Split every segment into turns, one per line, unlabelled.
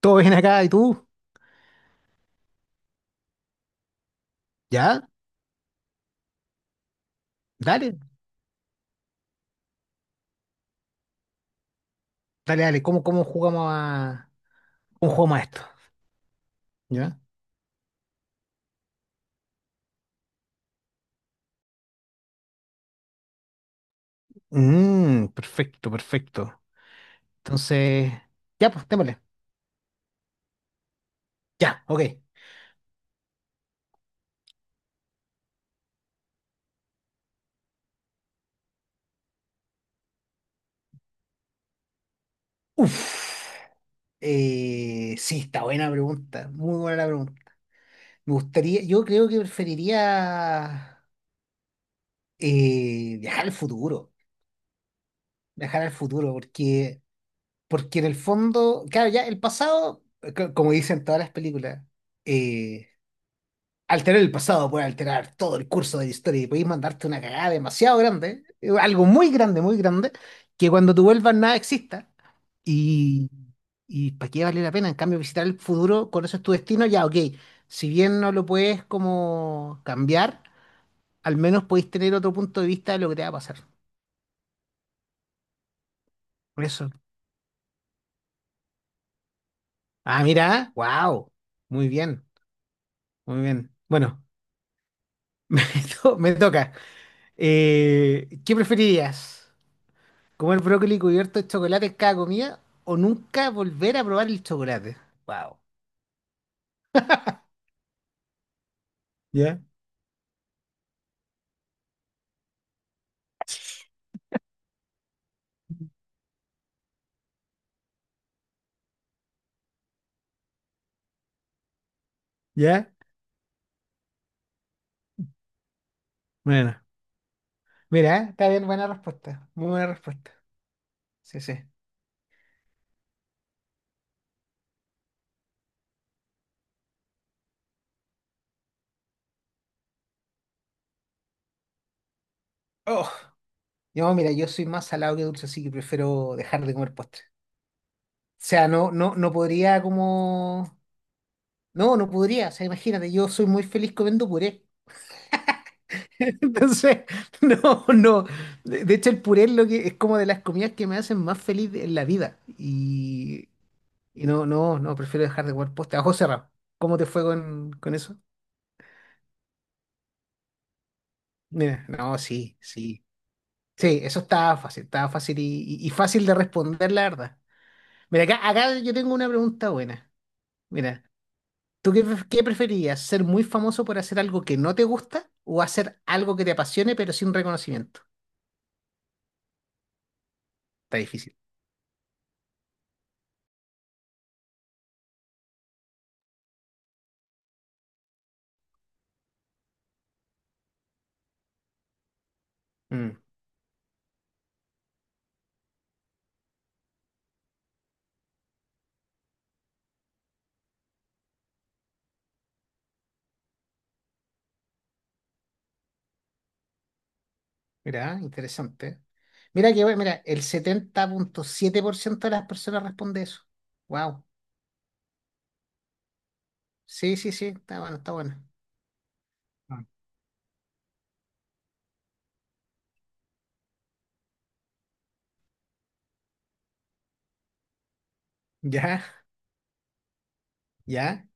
Todo bien acá, ¿y tú? ¿Ya? Dale, dale, dale. ¿Cómo jugamos a... ¿Cómo jugamos a esto? ¿Ya? Perfecto, perfecto. Entonces, ya, pues, démosle. Ya, ok. Uf. Sí, está buena la pregunta. Muy buena la pregunta. Me gustaría, yo creo que preferiría viajar al futuro. Viajar al futuro, porque en el fondo, claro, ya el pasado, como dicen todas las películas. eh, Alterar el pasado puede alterar todo el curso de la historia y podéis mandarte una cagada demasiado grande, algo muy grande, que cuando tú vuelvas nada exista, y, y ¿para qué vale la pena? En cambio, visitar el futuro, conoces tu destino, ya, ok, si bien no lo puedes como cambiar, al menos podéis tener otro punto de vista de lo que te va a pasar. Por eso. Ah, mira, wow, muy bien, muy bien. Bueno, me, me toca. ¿Qué preferirías? ¿Comer brócoli cubierto de chocolate en cada comida o nunca volver a probar el chocolate? Wow. ¿Ya? ¿Ya? Bueno. Mira, ¿eh? Está bien, buena respuesta. Muy buena respuesta. Sí, sí. Oh. Mira, yo soy más salado que dulce, así que prefiero dejar de comer postre. O sea, no, no, no podría como. No, no podría. O sea, imagínate, yo soy muy feliz comiendo puré. Entonces, no, no. De hecho, el puré es lo que es como de las comidas que me hacen más feliz en la vida. Y no, no, no, prefiero dejar de jugar poste. A ojos cerrados. ¿Cómo te fue con eso? Mira, no, sí, sí. Sí, eso estaba fácil y fácil de responder, la verdad. Mira, acá yo tengo una pregunta buena. Mira, ¿tú qué preferirías? ¿Ser muy famoso por hacer algo que no te gusta o hacer algo que te apasione pero sin reconocimiento? Está difícil. Mm, mira, interesante. Mira que, bueno, mira, el 70,7% de las personas responde eso. Wow. Sí, sí, sí, está bueno, está bueno. Ah. Ya. ¿Ya?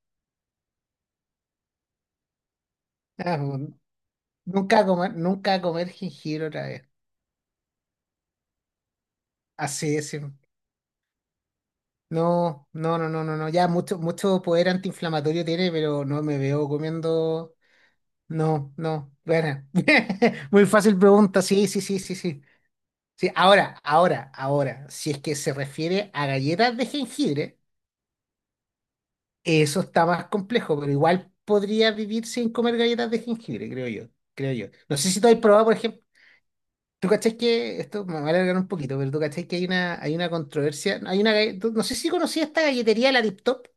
Ah, nunca comer jengibre otra vez. Así es. Sí. No, no, no, no, no, no. Ya mucho, mucho poder antiinflamatorio tiene, pero no me veo comiendo. No, no. Bueno. Muy fácil pregunta. Sí, sí, sí, sí, sí. Sí, ahora, ahora, ahora. Si es que se refiere a galletas de jengibre, eso está más complejo, pero igual podría vivir sin comer galletas de jengibre, creo yo. Creo yo. No sé si tú has probado, por ejemplo. Tú cachás que, esto me va a alargar un poquito, pero tú cachás que hay una controversia, hay una, galle- tú- no sé si conocías esta galletería, la Tip Top.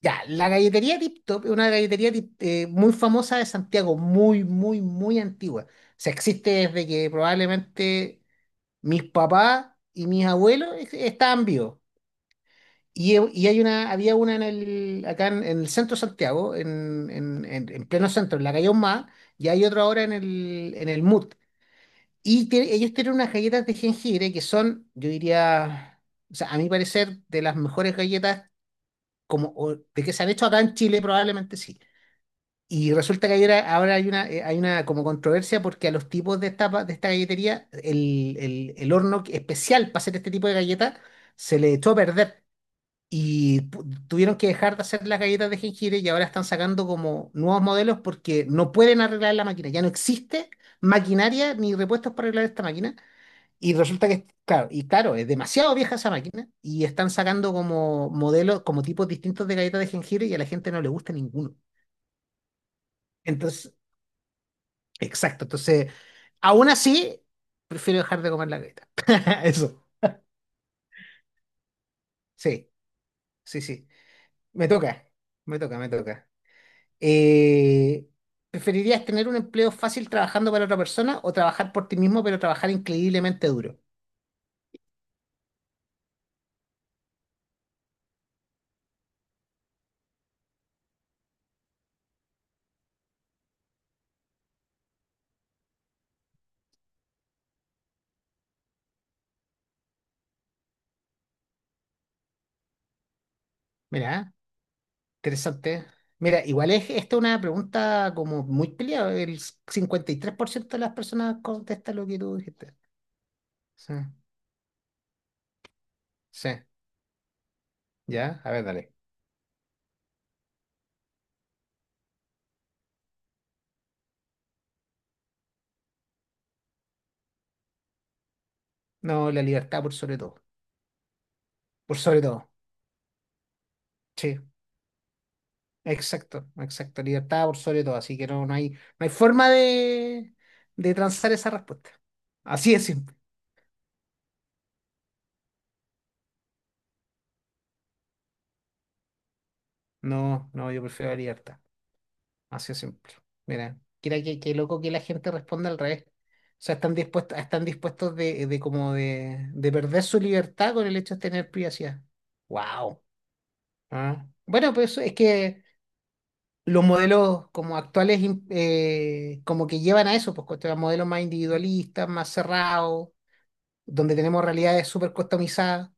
Ya, la galletería Tip Top es una galletería muy famosa de Santiago, muy, muy, muy antigua. O sea, existe desde que probablemente mis papás y mis abuelos estaban vivos. Y había una en acá en el centro de Santiago, en, en pleno centro, en la calle Ahumada, y hay otra ahora en el MUT. Y ellos tienen unas galletas de jengibre que son, yo diría, o sea, a mi parecer, de las mejores galletas de que se han hecho acá en Chile, probablemente sí. Y resulta que ahora hay una como controversia porque a los tipos de esta galletería, el horno especial para hacer este tipo de galletas se le echó a perder. Y tuvieron que dejar de hacer las galletas de jengibre y ahora están sacando como nuevos modelos porque no pueden arreglar la máquina. Ya no existe maquinaria ni repuestos para arreglar esta máquina. Y resulta que, claro, es demasiado vieja esa máquina y están sacando como modelos, como tipos distintos de galletas de jengibre y a la gente no le gusta ninguno. Entonces, exacto. Entonces, aún así, prefiero dejar de comer la galleta. Eso. Sí, sí, sí. Me toca, me toca, me toca. Eh, ¿preferirías tener un empleo fácil trabajando para otra persona o trabajar por ti mismo, pero trabajar increíblemente duro? Mira, interesante. Mira, igual es esta es una pregunta como muy peleada. El 53% de las personas contesta lo que tú dijiste. Sí, sí, ya, a ver, dale. No, la libertad por sobre todo. Por sobre todo. Sí, exacto, exacto. Libertad por sobre todo. Así que no, no hay forma de transar esa respuesta. Así es simple. No, no, yo prefiero la libertad. Así de simple. Mira, qué loco que la gente responda al revés. O sea, están dispuestos de perder su libertad con el hecho de tener privacidad. Wow. Ah. Bueno, pues eso es que los modelos como actuales como que llevan a eso, pues modelos más individualistas, más cerrados, donde tenemos realidades súper customizadas.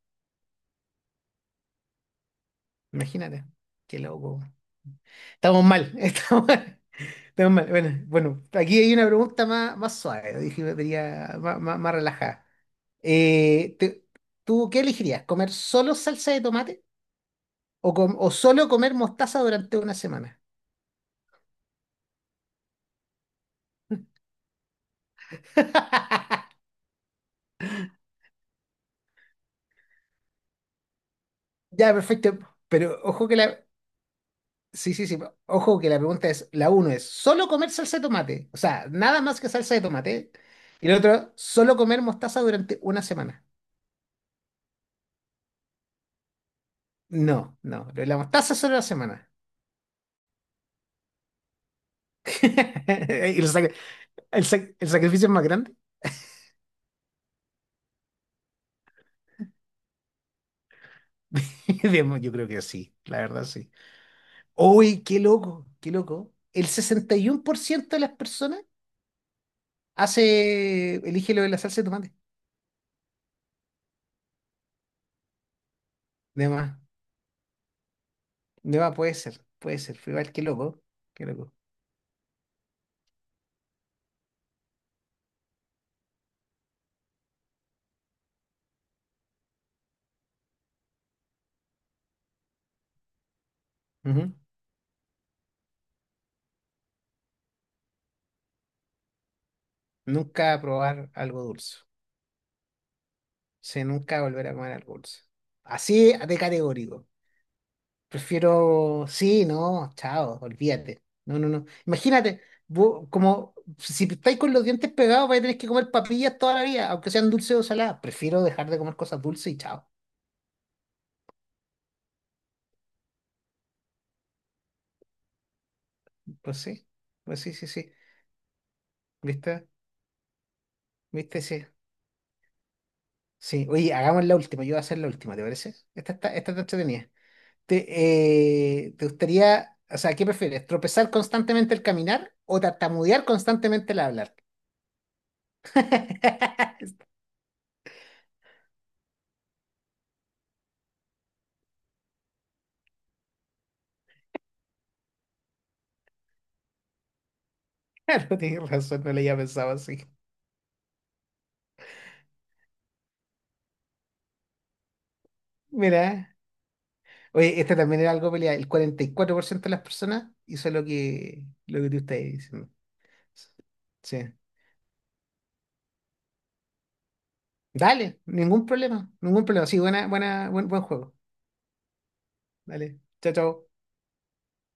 Imagínate, qué loco. Estamos mal, estamos mal. Menos mal. Bueno, aquí hay una pregunta más, más, suave, dije, me venía más relajada. Eh, te- ¿tú qué elegirías? ¿Comer solo salsa de tomate o solo comer mostaza durante una semana? Ya, perfecto. Pero ojo que la... Sí, sí, sí. Pero ojo que la pregunta es, la uno es, ¿solo comer salsa de tomate? O sea, nada más que salsa de tomate. Y la otra, ¿solo comer mostaza durante una semana? No, no. Lo de la mostaza solo una semana. ¿Y el sacrificio es más grande? Bien, yo creo que sí, la verdad sí. Uy, qué loco, qué loco. El 61% de las personas elige lo de la salsa de tomate. De más, de más puede ser, puede ser. Fue Igual, qué loco, qué loco. Ujú. Nunca probar algo dulce. Se nunca volver a comer algo dulce. Así de categórico. Prefiero, sí, no, chao, olvídate. No, no, no. Imagínate, vos, como si estáis con los dientes pegados, vais a tener que comer papillas toda la vida, aunque sean dulces o saladas. Prefiero dejar de comer cosas dulces y chao. Pues sí, pues sí, sí, sí. ¿Viste? ¿Viste? Sí. Sí. Oye, hagamos la última. Yo voy a hacer la última, ¿te parece? Esta está entretenida. ¿Te, te gustaría? O sea, ¿qué prefieres? ¿Tropezar constantemente al caminar o tartamudear constantemente al hablar? Claro, tienes razón, no le había pensado así. Mira, oye, esta también era algo pelea. El 44% de las personas hizo lo que, tú estás diciendo. Sí. Dale, ningún problema, ningún problema. Sí, buena, buena, buen, buen juego. Dale, chao, chao.